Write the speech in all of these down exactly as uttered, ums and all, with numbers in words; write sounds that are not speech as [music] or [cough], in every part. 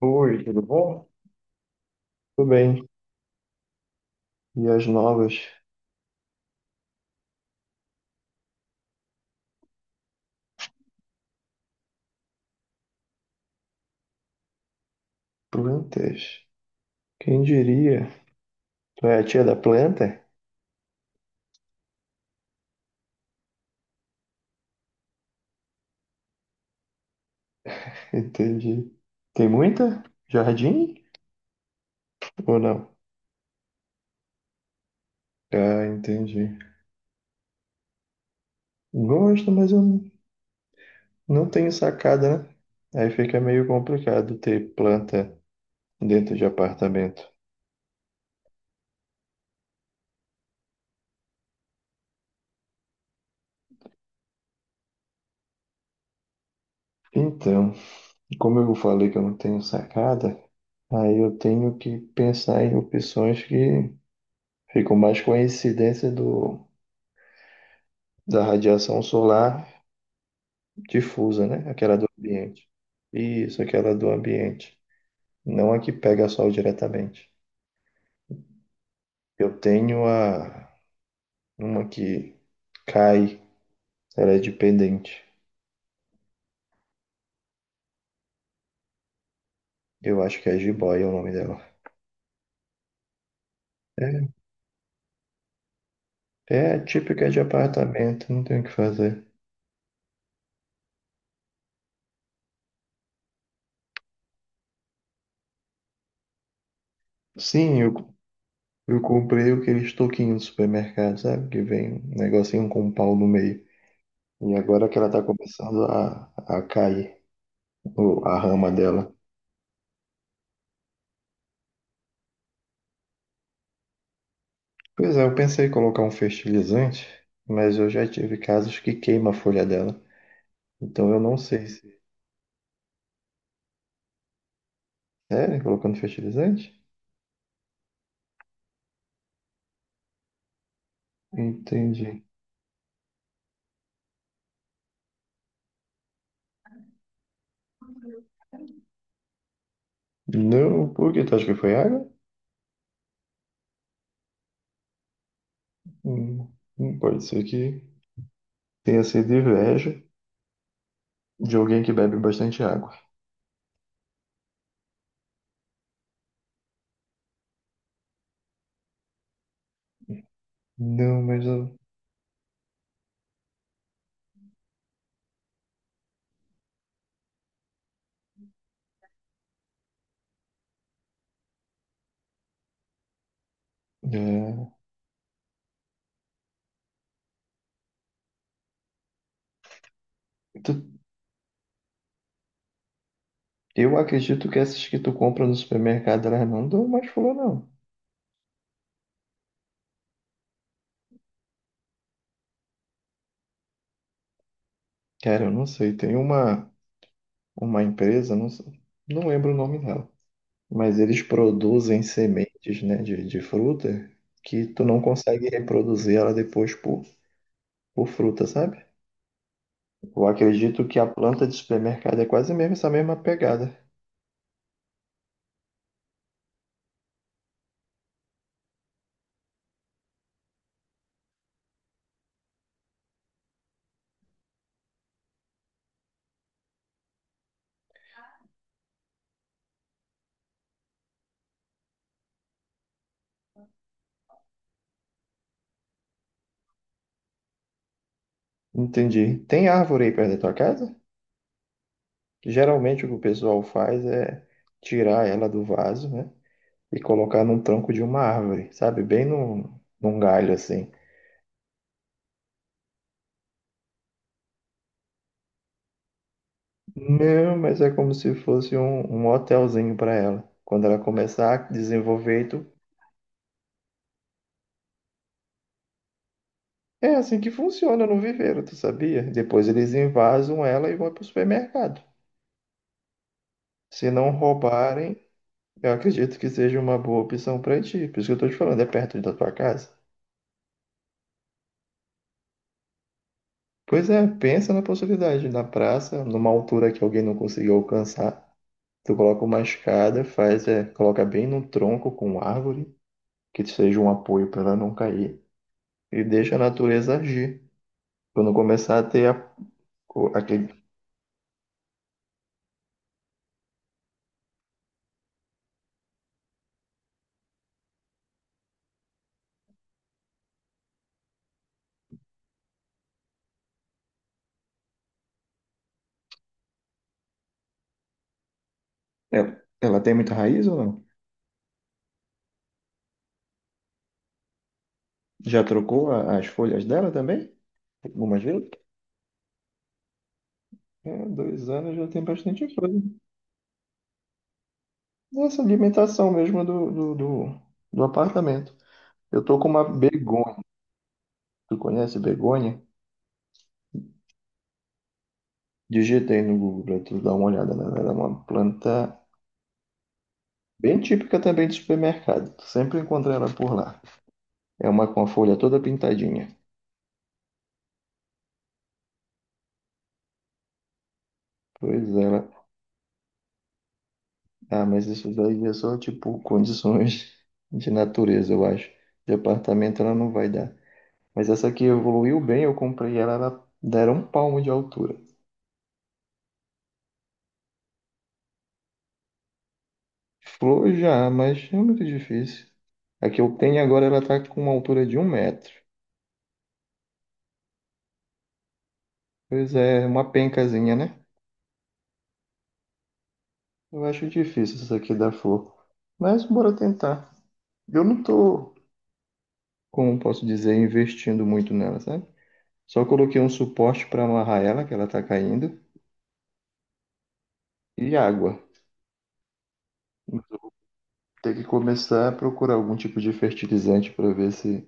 Oi, tudo bom? Tudo bem. E as novas plantas? Quem diria? Tu é a tia da planta? [laughs] Entendi. Tem muita? Jardim? Ou não? Ah, entendi. Gosto, mas eu não não tenho sacada, né? Aí fica meio complicado ter planta dentro de apartamento. Então, como eu falei que eu não tenho sacada, aí eu tenho que pensar em opções que ficam mais com a incidência do, da radiação solar difusa, né? Aquela do ambiente. Isso, aquela do ambiente. Não a que pega sol diretamente. Eu tenho a Uma que cai, ela é de pendente. Eu acho que é jiboia o nome dela. É, É a típica de apartamento, não tem o que fazer. Sim, eu, eu comprei aqueles toquinhos do supermercado, sabe? Que vem um negocinho com um pau no meio. E agora que ela tá começando a, a cair, o- a rama dela. Pois é, eu pensei em colocar um fertilizante, mas eu já tive casos que queima a folha dela. Então eu não sei se. Sério? Colocando fertilizante? Entendi. Não, por quê? Tu acha que foi água? Hum, hum, Pode ser que tenha sido inveja de alguém que bebe bastante água. Não, mas eu. é, tu- eu acredito que essas que tu compra no supermercado, elas não dão mais flor, não. Cara, eu não sei. Tem uma, uma empresa, não, sei- não lembro o nome dela. Mas eles produzem sementes, né, de, de fruta que tu não consegue reproduzir ela depois por, por fruta, sabe? Eu acredito que a planta de supermercado é quase mesmo essa mesma pegada. Entendi. Tem árvore aí perto da tua casa? Geralmente o que o pessoal faz é tirar ela do vaso, né, e colocar num tronco de uma árvore, sabe? Bem num, num galho assim. Não, mas é como se fosse um, um hotelzinho para ela. Quando ela começar a desenvolver, tu É assim que funciona no viveiro, tu sabia? Depois eles invasam ela e vão pro supermercado. Se não roubarem, eu acredito que seja uma boa opção pra ti. Por isso que eu tô te falando, é perto da tua casa. Pois é, pensa na possibilidade, na praça, numa altura que alguém não conseguiu alcançar. Tu coloca uma escada, faz, é, coloca bem num tronco com árvore, que seja um apoio pra ela não cair, e deixa a natureza agir. Quando começar a ter a, o- aquele. Ela, ela tem muita raiz ou não? Já trocou a- as folhas dela também? Algumas vezes? É, dois anos já tem bastante coisa. Essa alimentação mesmo do, do, do, do apartamento. Eu tô com uma begônia. Tu conhece begônia? Digitei no Google pra tu dar uma olhada, né? Ela é uma planta bem típica também de supermercado. Tu sempre encontra ela por lá. É uma com a folha toda pintadinha. Pois é, ela. Ah, mas isso daí é só tipo condições [laughs] de natureza, eu acho. De apartamento ela não vai dar. Mas essa aqui evoluiu bem, eu comprei ela, ela dera um palmo de altura. Flor já, mas é muito difícil. A que eu tenho agora, ela tá com uma altura de um metro. Pois é, uma pencazinha, né? Eu acho difícil essa aqui dar flor. Mas bora tentar. Eu não tô, Como posso dizer, investindo muito nela, sabe? Só coloquei um suporte para amarrar ela, que ela tá caindo, e água. Mas eu vou ter que começar a procurar algum tipo de fertilizante para ver se.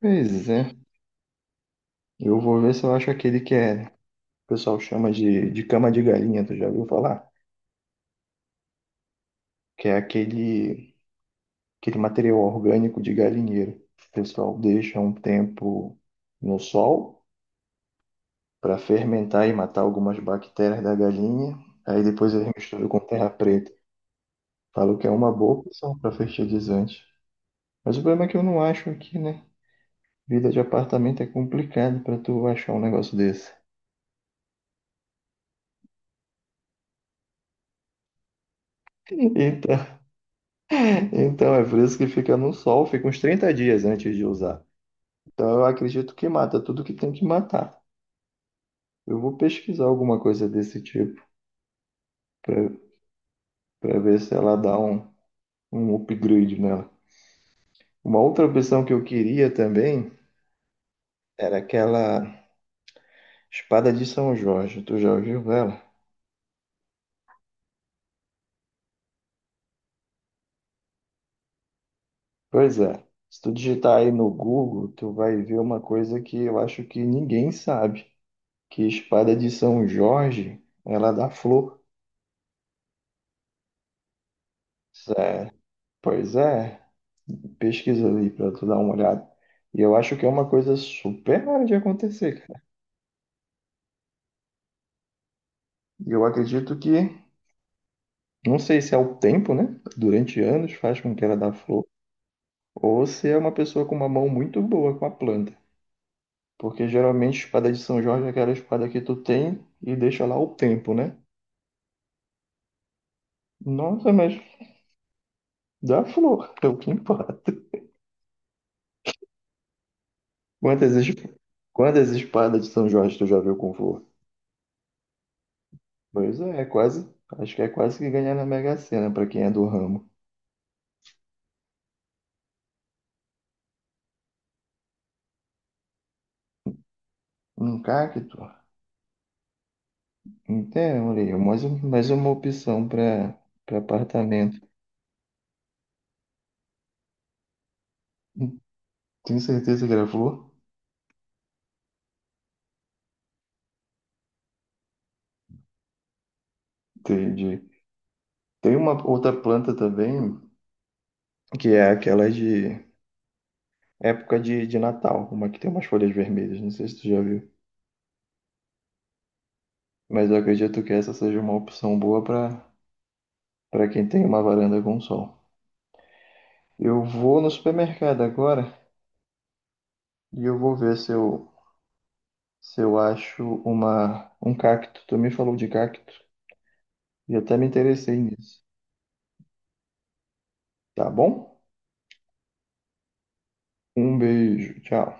Pois é. Eu vou ver se eu acho aquele que é o pessoal chama de, de cama de galinha, tu já ouviu falar? Que é aquele, aquele material orgânico de galinheiro. O pessoal deixa um tempo no sol para fermentar e matar algumas bactérias da galinha, aí depois eles misturam com terra preta. Falam que é uma boa opção para fertilizante. Mas o problema é que eu não acho aqui, né? Vida de apartamento é complicado para tu achar um negócio desse. [laughs] Então, então é por isso que fica no sol, fica uns trinta dias antes de usar. Então eu acredito que mata tudo que tem que matar. Eu vou pesquisar alguma coisa desse tipo para para ver se ela dá um, um upgrade nela. Uma outra opção que eu queria também era aquela espada de São Jorge. Tu já ouviu ela? Pois é. Se tu digitar aí no Google, tu vai ver uma coisa que eu acho que ninguém sabe, que espada de São Jorge, ela dá flor. Sério. Pois é. Pesquisa ali para tu dar uma olhada. E eu acho que é uma coisa super rara de acontecer, cara. E eu acredito que, não sei se é o tempo, né? Durante anos faz com que ela dá flor, ou se é uma pessoa com uma mão muito boa com a planta. Porque geralmente espada de São Jorge é aquela espada que tu tem e deixa lá o tempo, né? Nossa, mas dá flor, é o que importa. Quantas, es- Quantas espadas de São Jorge tu já viu com flor? Pois é, é quase. Acho que é quase que ganhar na Mega Sena pra quem é do ramo. Um cacto? Então, ali, é mais, um- mais uma opção para apartamento. Tenho certeza que era flor? Entendi. Tem uma outra planta também, que é aquela de época de, de Natal, uma que tem umas folhas vermelhas, não sei se tu já viu. Mas eu acredito que essa seja uma opção boa para para quem tem uma varanda com sol. Eu vou no supermercado agora e eu vou ver se eu, se eu acho uma, um cacto. Tu me falou de cacto e até me interessei nisso, tá bom? Um beijo, tchau.